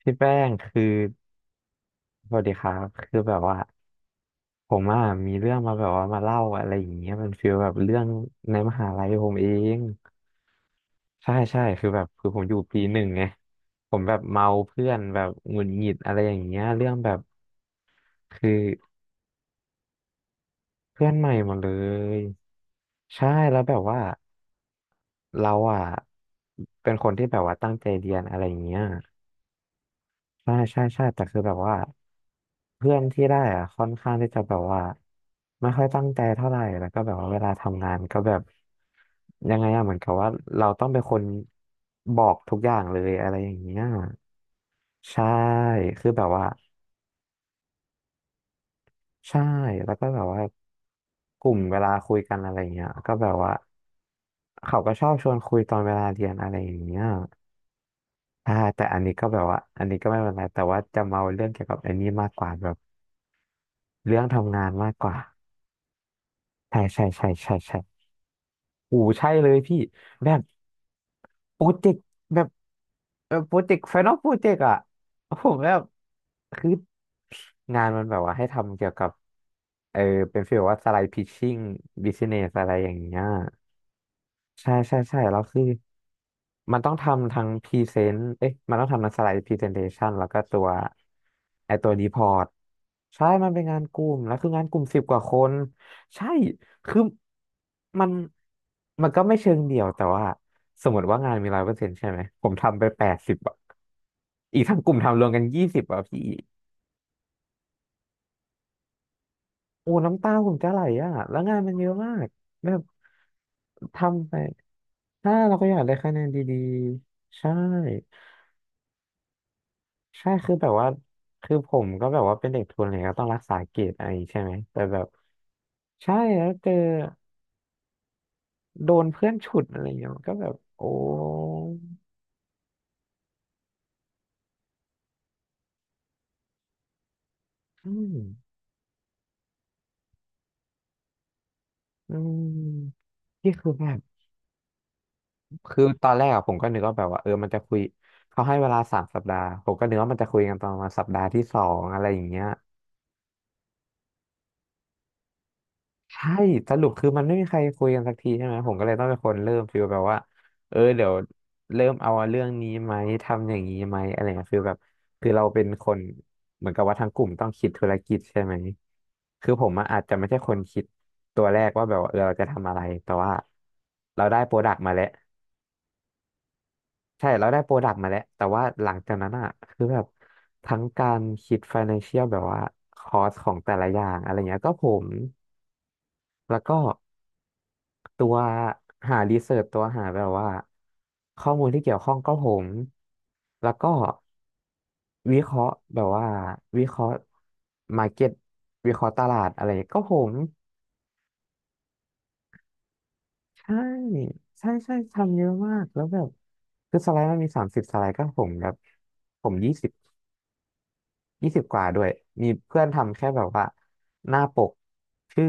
พี่แป้งคือสวัสดีครับคือแบบว่าผมอ่ะมีเรื่องมาแบบว่ามาเล่าอะไรอย่างเงี้ยมันฟีลแบบเรื่องในมหาลัยผมเองใช่ใช่คือแบบคือผมอยู่ปีหนึ่งไงผมแบบเมาเพื่อนแบบหงุดหงิดอะไรอย่างเงี้ยเรื่องแบบคือเพื่อนใหม่หมดเลยใช่แล้วแบบว่าเราอ่ะเป็นคนที่แบบว่าตั้งใจเรียนอะไรอย่างเงี้ย ใช่ใช่ใช่แต่คือแบบว่าเพื่อนที่ได้อะค่อนข้างที่จะแบบว่าไม่ค่อยตั้งใจเท่าไหร่แล้วก็แบบว่าเวลาทำงานก็แบบยังไงอะเหมือนกับว่าเราต้องเป็นคนบอกทุกอย่างเลยอะไรอย่างเงี้ยใช่คือแบบว่าใช่แล้วก็แบบว่ากลุ่มเวลาคุยกันอะไรเงี้ยก็แบบว่าเขาก็ชอบชวนคุยตอนเวลาเรียนอะไรอย่างเงี้ยใช่แต่อันนี้ก็แบบว่าอันนี้ก็ไม่เป็นไรแต่ว่าจะเมาเรื่องเกี่ยวกับอันนี้มากกว่าแบบ เรื่องทำงานมากกว่า ใช่ใช่ใช่ใช่ใช่โอ้ใช่เลยพี่แบบโปรเจกต์แบบแบบโปรเจกต์ไฟนอลโปรเจกต์อ่ะผมแบบคืองานมันแบบว่าให้ทำเกี่ยวกับเออเป็นฟีลว่าสไลด์พิชชิ่งบิสเนสอะไรอย่างเงี้ยใช่ใช่ใช่แล้วคือ มันต้องทำทั้งพรีเซนต์เอ๊ะมันต้องทำทั้งสไลด์พรีเซนเทชันแล้วก็ตัวไอตัวรีพอร์ตใช่มันเป็นงานกลุ่มแล้วคืองานกลุ่มสิบกว่าคนใช่คือมันมันก็ไม่เชิงเดี่ยวแต่ว่าสมมติว่างานมี100%ใช่ไหมผมทำไป80อะอีกทั้งกลุ่มทำรวมกันยี่สิบอะพี่โอ้น้ำตาผมจะไหลอ่ะแล้วงานมันเยอะมากแบบทำไปถ้าเราก็อยากได้คะแนนดีๆใช่ ใช่คือแบบว่าคือผมก็แบบว่าเป็นเด็กทุนอะไรก็ต้องรักษาเกียรติอะไรอย่างงี้ใช่ไหมแต่แบบใช่แล้วเจอโดนเพื่อนฉุดอะไรอย่างเงี้ยมันก็แบบโอ้อืมอืมนี่คือแบบคือตอนแรกอะผมก็นึกว่าแบบว่าเออมันจะคุยเขาให้เวลา3 สัปดาห์ผมก็นึกว่ามันจะคุยกันตอนประมาณสัปดาห์ที่สองอะไรอย่างเงี้ย ใช่สรุปคือมันไม่มีใครคุยกันสักทีใช่ไหมผมก็เลยต้องเป็นคนเริ่มฟีลแบบว่าเออเดี๋ยวเริ่มเอาเรื่องนี้ไหมทำอย่างนี้ไหมอะไรเงี้ยฟีลแบบคือเราเป็นคนเหมือนกับว่าทั้งกลุ่มต้องคิดธุรกิจใช่ไหมคือผมอะอาจจะไม่ใช่คนคิดตัวแรกว่าแบบว่าเออเราจะทำอะไรแต่ว่าเราได้โปรดักต์มาแล้วใช่เราได้โปรดักต์มาแล้วแต่ว่าหลังจากนั้นอะคือแบบทั้งการคิด financial แบบว่าคอสของแต่ละอย่างอะไรเงี้ยก็ผม แล้วก็ตัวหารีเสิร์ชตัวหาแบบว่าข้อมูลที่เกี่ยวข้องก็ผมแล้วก็วิเคราะห์แบบว่าวิเคราะห์มาร์เก็ตวิเคราะห์ตลาดอะไรก็ผมใช่ใช่ใช่ทำเยอะมากแล้วแบบคือสไลด์มันมี30สไลด์ก็ผมแบบผมยี่สิบ 20 กว่าด้วยมีเพื่อนทำแค่แบบว่าหน้าปกชื่อ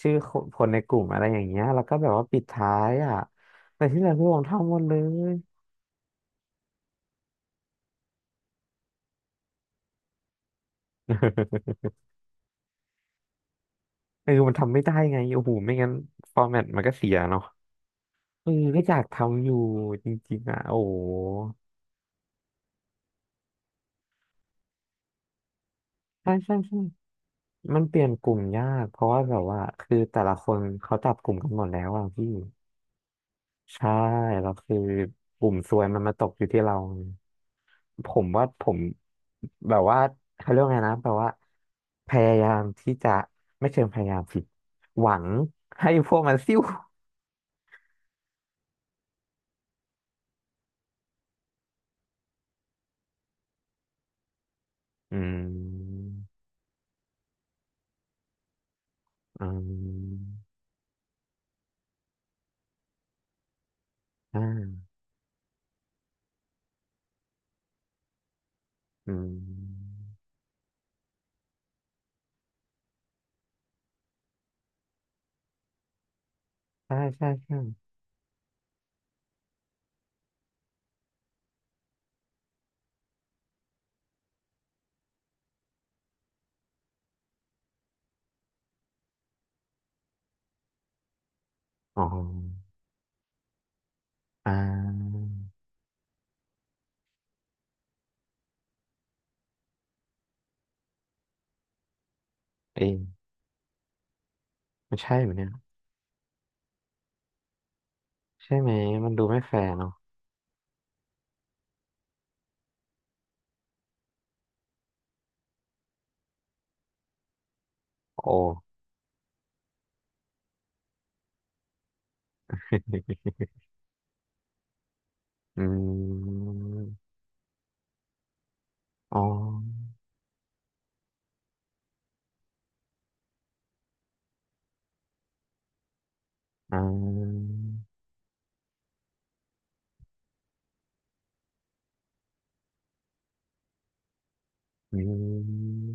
ชื่อคนในกลุ่มอะไรอย่างเงี้ยแล้วก็แบบว่าปิดท้ายอ่ะแต่ที่เหลือพี่วงทำหมดเลย เออมันทำไม่ได้ไงโอ้โหไม่งั้นฟอร์แมตมันก็เสียเนาะเออก็อยากทำอยู่จริงๆอ่ะโอ้โหใช่ใช่ใช่มันเปลี่ยนกลุ่มยากเพราะว่าแบบว่าคือแต่ละคนเขาจับกลุ่มกันหมดแล้วอ่ะพี่ ใช่แล้วคือกลุ่มซวยมันมาตกอยู่ที่เรา ผมว่าผมแบบว่าเขาเรียกว่าไงนะแบบว่าพยายามที่จะไม่เชิงพยายามผิดหวังให้พวกมันซิ่ว อืมอืมอ่าอืมใช่ใช่ใช่อ๋ออ่าเอ๊ะมันใช่ไหมเนี่ยใช่ไหมมันดูไม่แฟร์เนาะโอ้ อืมอ๋ออ่าอืม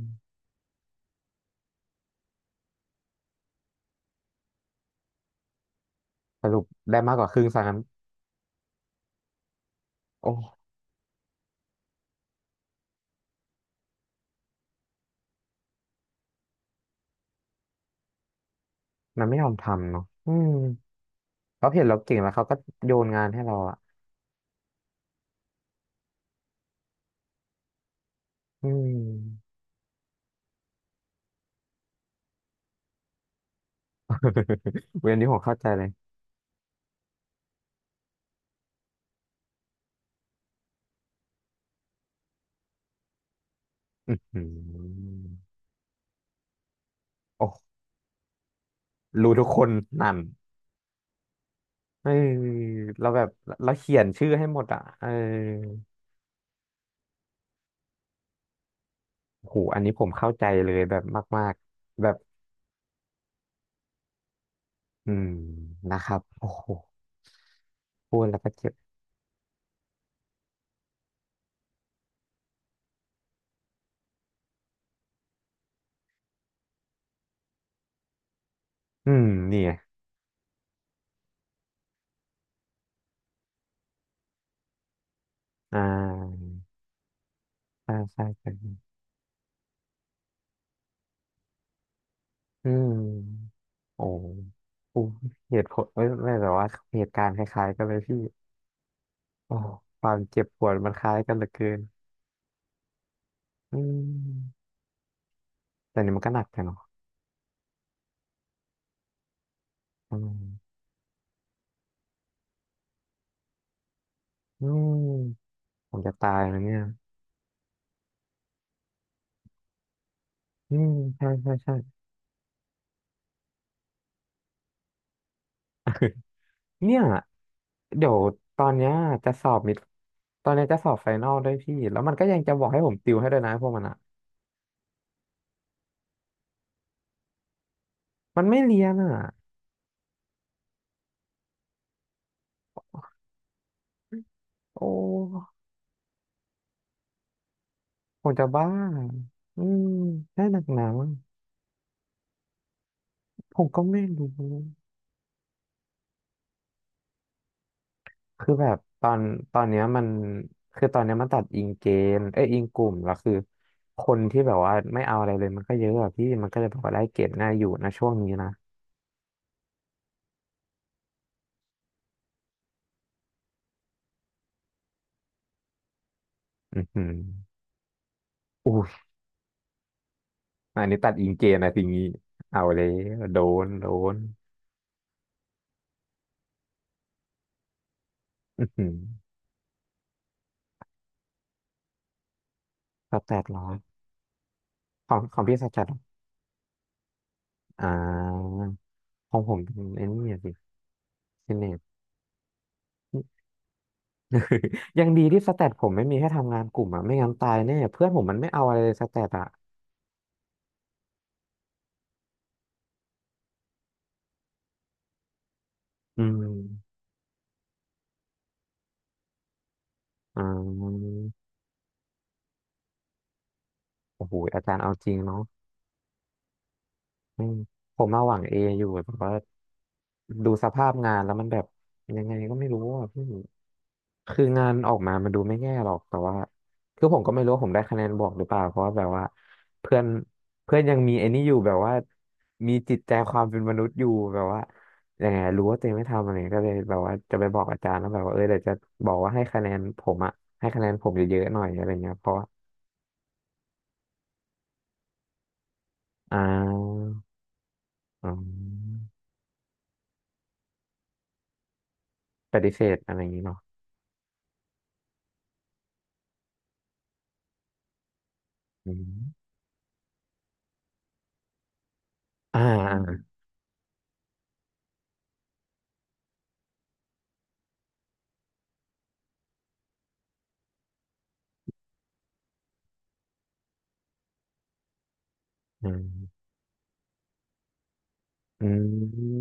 สรุปได้มากกว่าครึ่งซะงั้นโอ้ มันไม่ยอมทำเนาะอืมเขาเห็นเราเก่งแล้วเขาก็โยนงานให้เราอ่ะอืม เวรนี้ผมเข้าใจเลยอือหือโอ้รู้ทุกคนนั่นเออเราแบบเราเขียนชื่อให้หมดอ่ะเออโหอันนี้ผมเข้าใจเลยแบบมากๆแบบอืมนะครับโอ้โหพูดแล้วก็เจ็บอืมนี่ไงอ่าใช่ใช่ใช่อืมโอ้โหเหตุผลเอ้ยไม่แต่ว่าเหตุการณ์คล้ายๆกันเลยพี่ โอ้ความเจ็บปวดมันคล้ายกันเหลือเกินอืมแต่นี่มันก็หนักกันเนาะอืมอืมผมจะตายแล้วเนี่ยอืมใช่ใช่ใช่เนี่ยเดี๋ยวตอนเนี้ยจะสอบมิดตอนเนี้ยจะสอบไฟนอลด้วยพี่ แล้วมันก็ยังจะบอกให้ผมติวให้ด้วยนะพวกมันอ่ะมันไม่เรียนอ่ะโอ้ผมจะบ้าอืมได้หนักหนามผมก็ไม่รู้ คือแบบตอนตอนเนี้ยมันคือตอนเนี้ยมันตัดอิงเกณฑ์เอ้ยอิงกลุ่มแล้วคือคนที่แบบว่าไม่เอาอะไรเลยมันก็เยอะอะพี่มันก็เลยแบบว่าได้เกรดง่ายอยู่นะช่วงนี้นะอือหืออู้ยอันนี้ตัดอิงเกณฑ์นะทีนี้เอาเลยโดโดนอือหือสักแปดร้อยของพี่สักแปดร้อยอ่าของผมเป็นไอ้นี่อะสิเนต ยังดีที่สแตทผมไม่มีให้ทำงานกลุ่มอะไม่งั้นตายแน่เพื่อนผมมันไม่เอาอะไรเลยสแตทอะอืมอ่า โอ้โหอาจารย์เอาจริงเนาะอืมผมมาหวังเออยู่แต่ว่าดูสภาพงานแล้วมันแบบยังไงก็ไม่รู้อ่ะพี่คืองานออกมามันดูไม่แย่หรอกแต่ว่าคือผมก็ไม่รู้ว่าผมได้คะแนนบวกหรือเปล่าเพราะว่าแบบว่าเพื่อนเพื่อนยังมีไอ้นี่อยู่แบบว่ามีจิตใจความเป็นมนุษย์อยู่แบบว่ายังไงรู้ว่าตัวเองไม่ทำอะไรก็เลยแบบว่าจะไปบอกอาจารย์แล้วแบบว่าเออเดี๋ยวจะบอกว่าให้คะแนนผมอะให้คะแนนผมเยอะๆหน่อยอะไรเงี้ยเพราะว่าอ่าอืมปฏิเสธอะไรอย่างงี้เนาะอืม อ่าอ่าอืมอื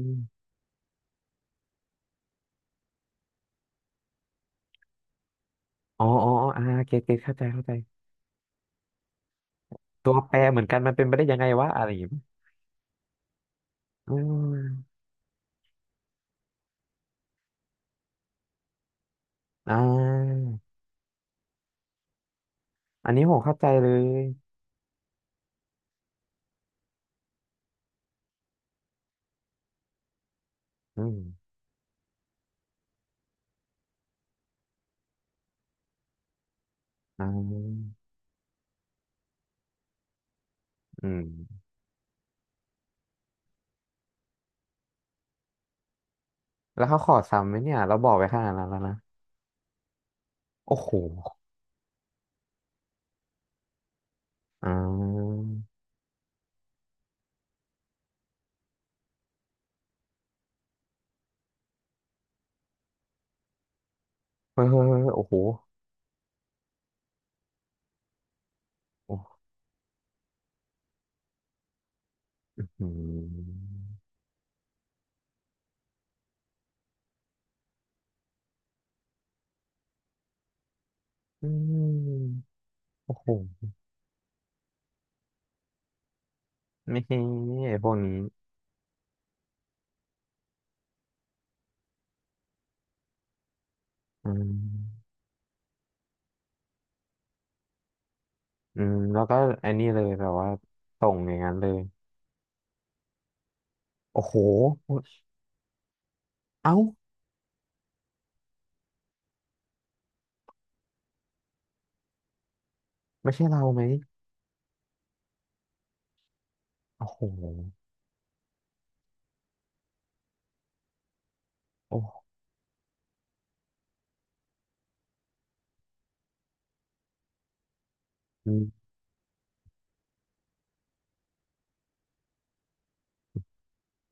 อ๋ออ๋ออ๋ออ่าเก็ตเข้าใจตัวแปรเหมือนกันมันเป็นไปได้ยังไงวะอะไรอย่างเงี้ยอืมอ่าอันนี้ผมเข้าใจเลยอืมอ่าอืมแล้วเขาขอซ้ำไหมเนี่ยเราบอกไปขนาดนั้นแล้วนะโอ้โหอ่าเฮ้ยเฮ้ยเฮ้ยโอ้โหโอ้อืมอืมโอ้โหไม่ใช่ไอ้พวกนี้อืมอืมแล้วก็อันนี้เลยแบบว่าส่งอย่างนั้นเลย โอ้โหเอ้าไม่ใช่เราไหมโอ้โหโอ้โห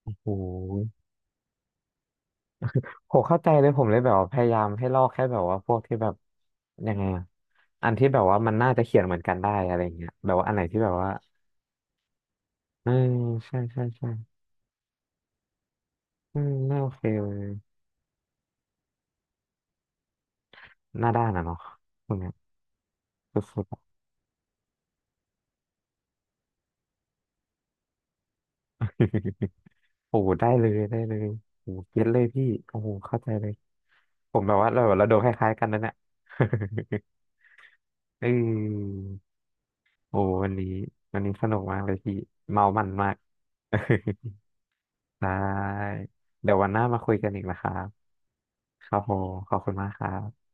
โอ้โหผมเข้าใจเลยผมเลยแบบว่าพยายามให้ลอกแค่แบบว่าพวกที่แบบยังไงอะอันที่แบบว่ามันน่าจะเขียนเหมือนกันได้อะไรเงี้ยแบบว่าอันไหนที่แบบว่าเออใช่ใช่ใช่อืมไม่โอเคเลยหน้าด้านอะเนาะตรงเนี้ยสุดๆอะ โอ้โหได้เลยได้เลยโอ้โหเก็ตเลยพี่โอ้โหเข้าใจเลยผมแบบว่าเราโดนคล้ายๆกันนะเนี่ย เออ โอ้วันนี้วันนี้สนุกมากเลยพี่เมามันมาก ได้เดี๋ยววันหน้ามาคุยกันอีกนะครับครับผมขอบคุณมากครับ